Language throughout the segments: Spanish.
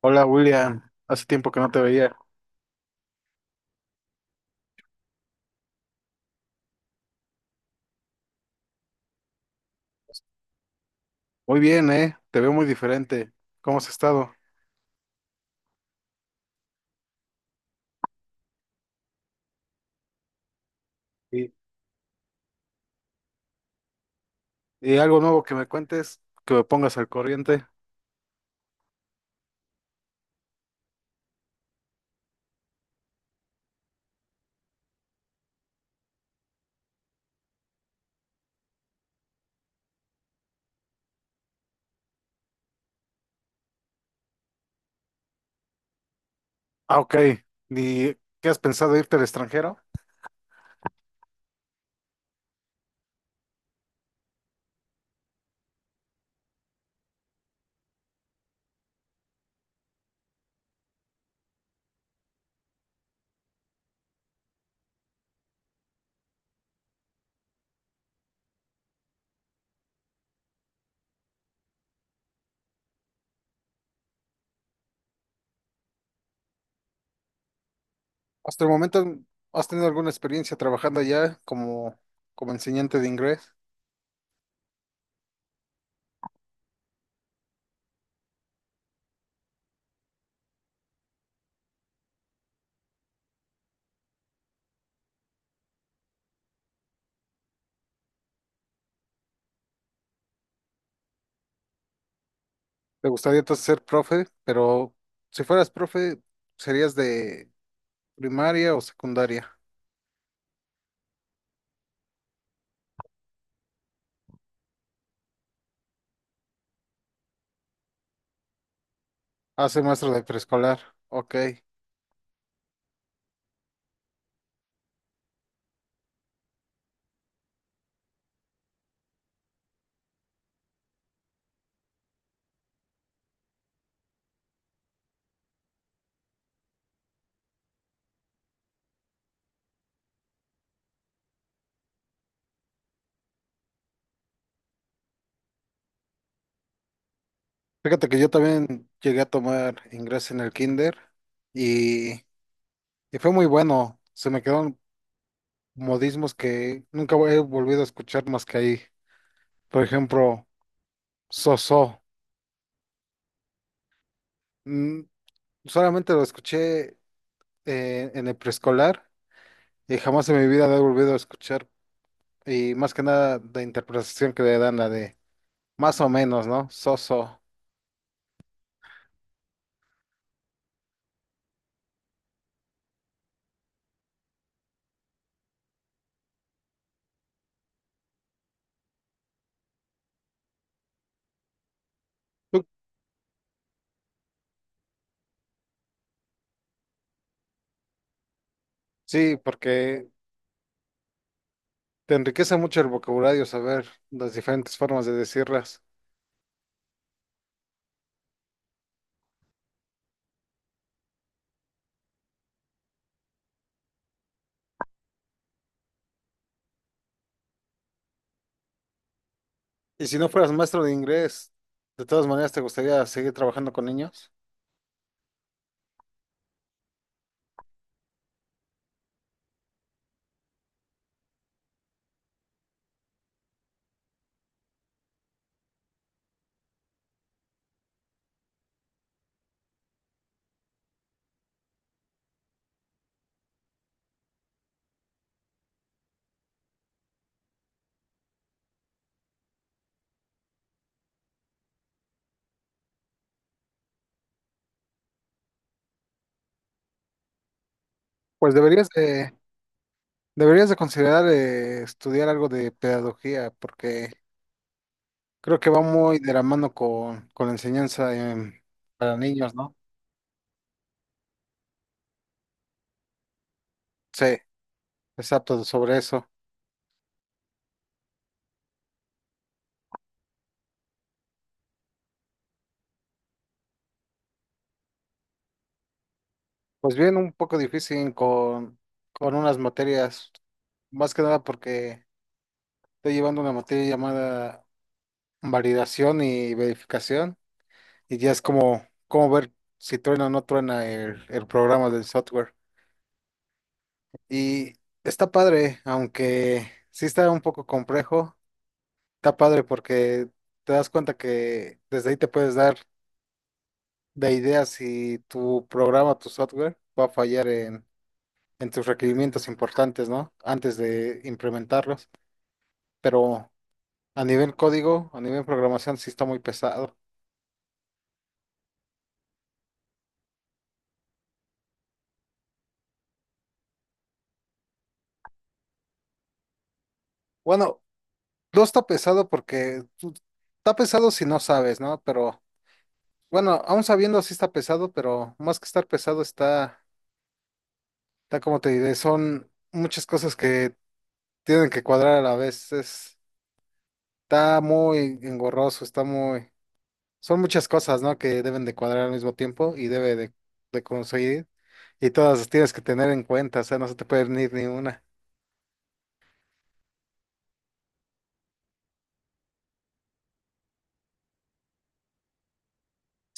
Hola William, hace tiempo que no te veía. Muy bien, ¿eh? Te veo muy diferente. ¿Cómo has estado? Y, y algo nuevo que me cuentes, que me pongas al corriente. Ah, ok. ¿Y qué has pensado irte al extranjero? Hasta el momento, ¿has tenido alguna experiencia trabajando allá como enseñante de inglés? ¿Te gustaría entonces ser profe? Pero si fueras profe, ¿serías de primaria o secundaria? Ah, soy maestro de preescolar. Ok. Fíjate que yo también llegué a tomar inglés en el kinder y, y fue muy bueno. Se me quedaron modismos que nunca he volvido a escuchar más que ahí. Por ejemplo, soso. Mm, solamente lo escuché en el preescolar y jamás en mi vida lo he volvido a escuchar. Y más que nada la interpretación que le dan la de más o menos, ¿no? Soso. Tú- sí, porque te enriquece mucho el vocabulario saber las diferentes formas de decirlas. Y si no fueras maestro de inglés, de todas maneras, ¿te gustaría seguir trabajando con niños? Pues deberías de, deberías de considerar estudiar algo de pedagogía, porque creo que va muy de la mano con la enseñanza para niños, ¿no? Sí, exacto, sobre eso. Pues bien, un poco difícil con unas materias, más que nada porque estoy llevando una materia llamada validación y verificación. Y ya es como ver si truena o no truena el programa del software. Y está padre, aunque sí está un poco complejo, está padre porque te das cuenta que desde ahí te puedes dar de ideas si tu programa, tu software va a fallar en tus requerimientos importantes, ¿no? Antes de implementarlos. Pero a nivel código, a nivel programación, sí está muy pesado. Bueno, no está pesado porque tú- está pesado si no sabes, ¿no? Pero bueno, aún sabiendo si está pesado, pero más que estar pesado está, está como te diré, son muchas cosas que tienen que cuadrar a la vez. Es- está muy engorroso, está muy, son muchas cosas, ¿no? Que deben de cuadrar al mismo tiempo y debe de conseguir. Y todas las tienes que tener en cuenta, o sea, no se te puede ir ni una.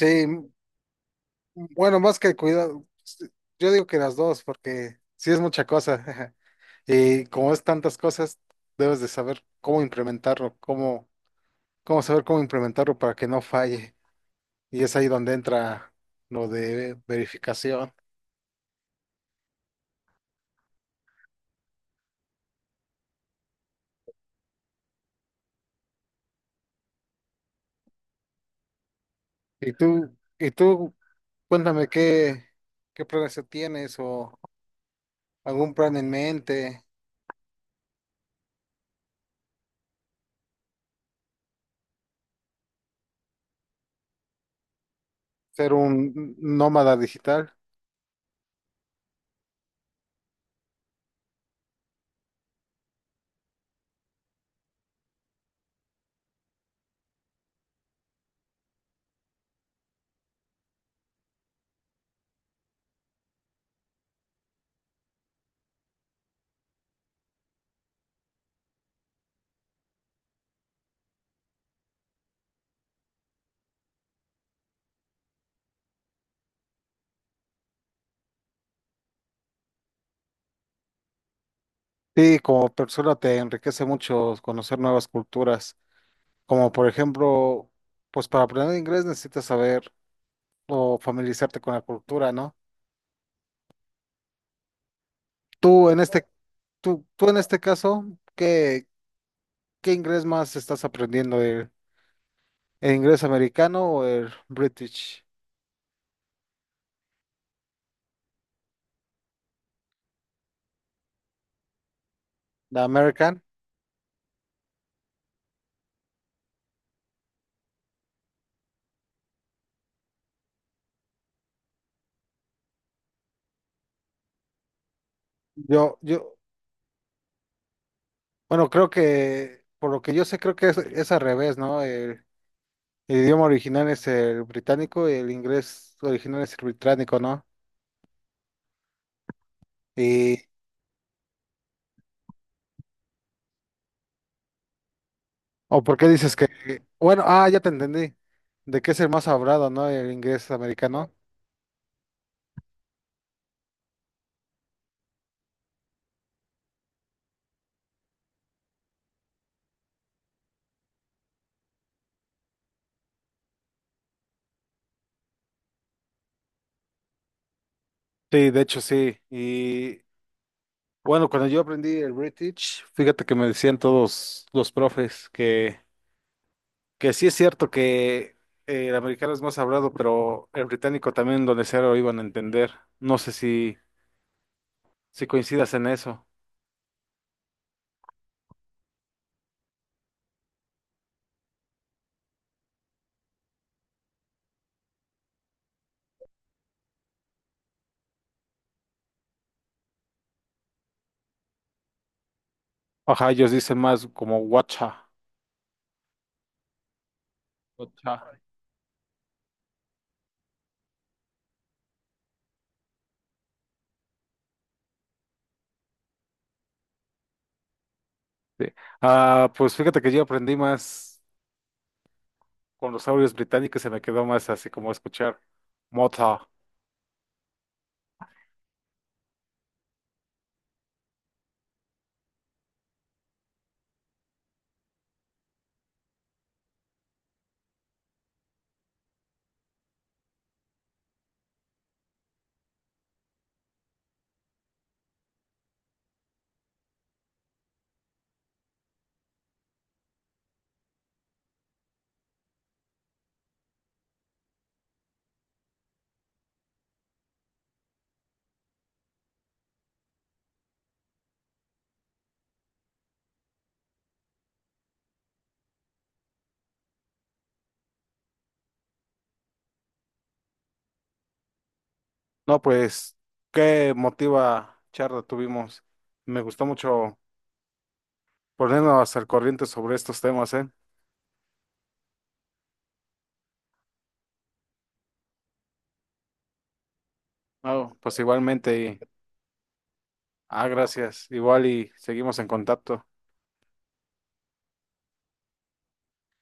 Sí, m- bueno, más que cuidado, s- yo digo que las dos, porque sí es mucha cosa. Y como es tantas cosas, debes de saber cómo implementarlo, cómo saber cómo implementarlo para que no falle. Y es ahí donde entra lo de verificación. Y tú, y tú, cuéntame qué, qué planes tienes o algún plan en mente, ser un nómada digital. Sí, como persona te enriquece mucho conocer nuevas culturas, como por ejemplo, pues para aprender inglés necesitas saber o familiarizarte con la cultura, ¿no? Tú en este, tú en este caso, ¿qué, qué inglés más estás aprendiendo? ¿El inglés americano o el British? ¿La American? Yo, bueno, creo que, por lo que yo sé, creo que es al revés, ¿no? El idioma original es el británico y el inglés original es el británico, ¿no? Y, ¿o por qué dices que, bueno, ah, ya te entendí, de que es el más hablado, ¿no? El inglés americano. Sí, de hecho sí. Y bueno, cuando yo aprendí el British, fíjate que me decían todos los profes que... Que sí es cierto que el americano es más hablado, pero el británico también donde sea lo iban a entender. No sé si coincidas en eso. Ajá, ellos dicen más como guacha. Guacha. Sí. Ah, pues fíjate que yo aprendí más con los audios británicos, se me quedó más así como escuchar mota. No, pues, qué motiva charla tuvimos. Me gustó mucho ponernos al corriente sobre estos temas, ¿eh? No, pues igualmente. Y ah, gracias. Igual y seguimos en contacto.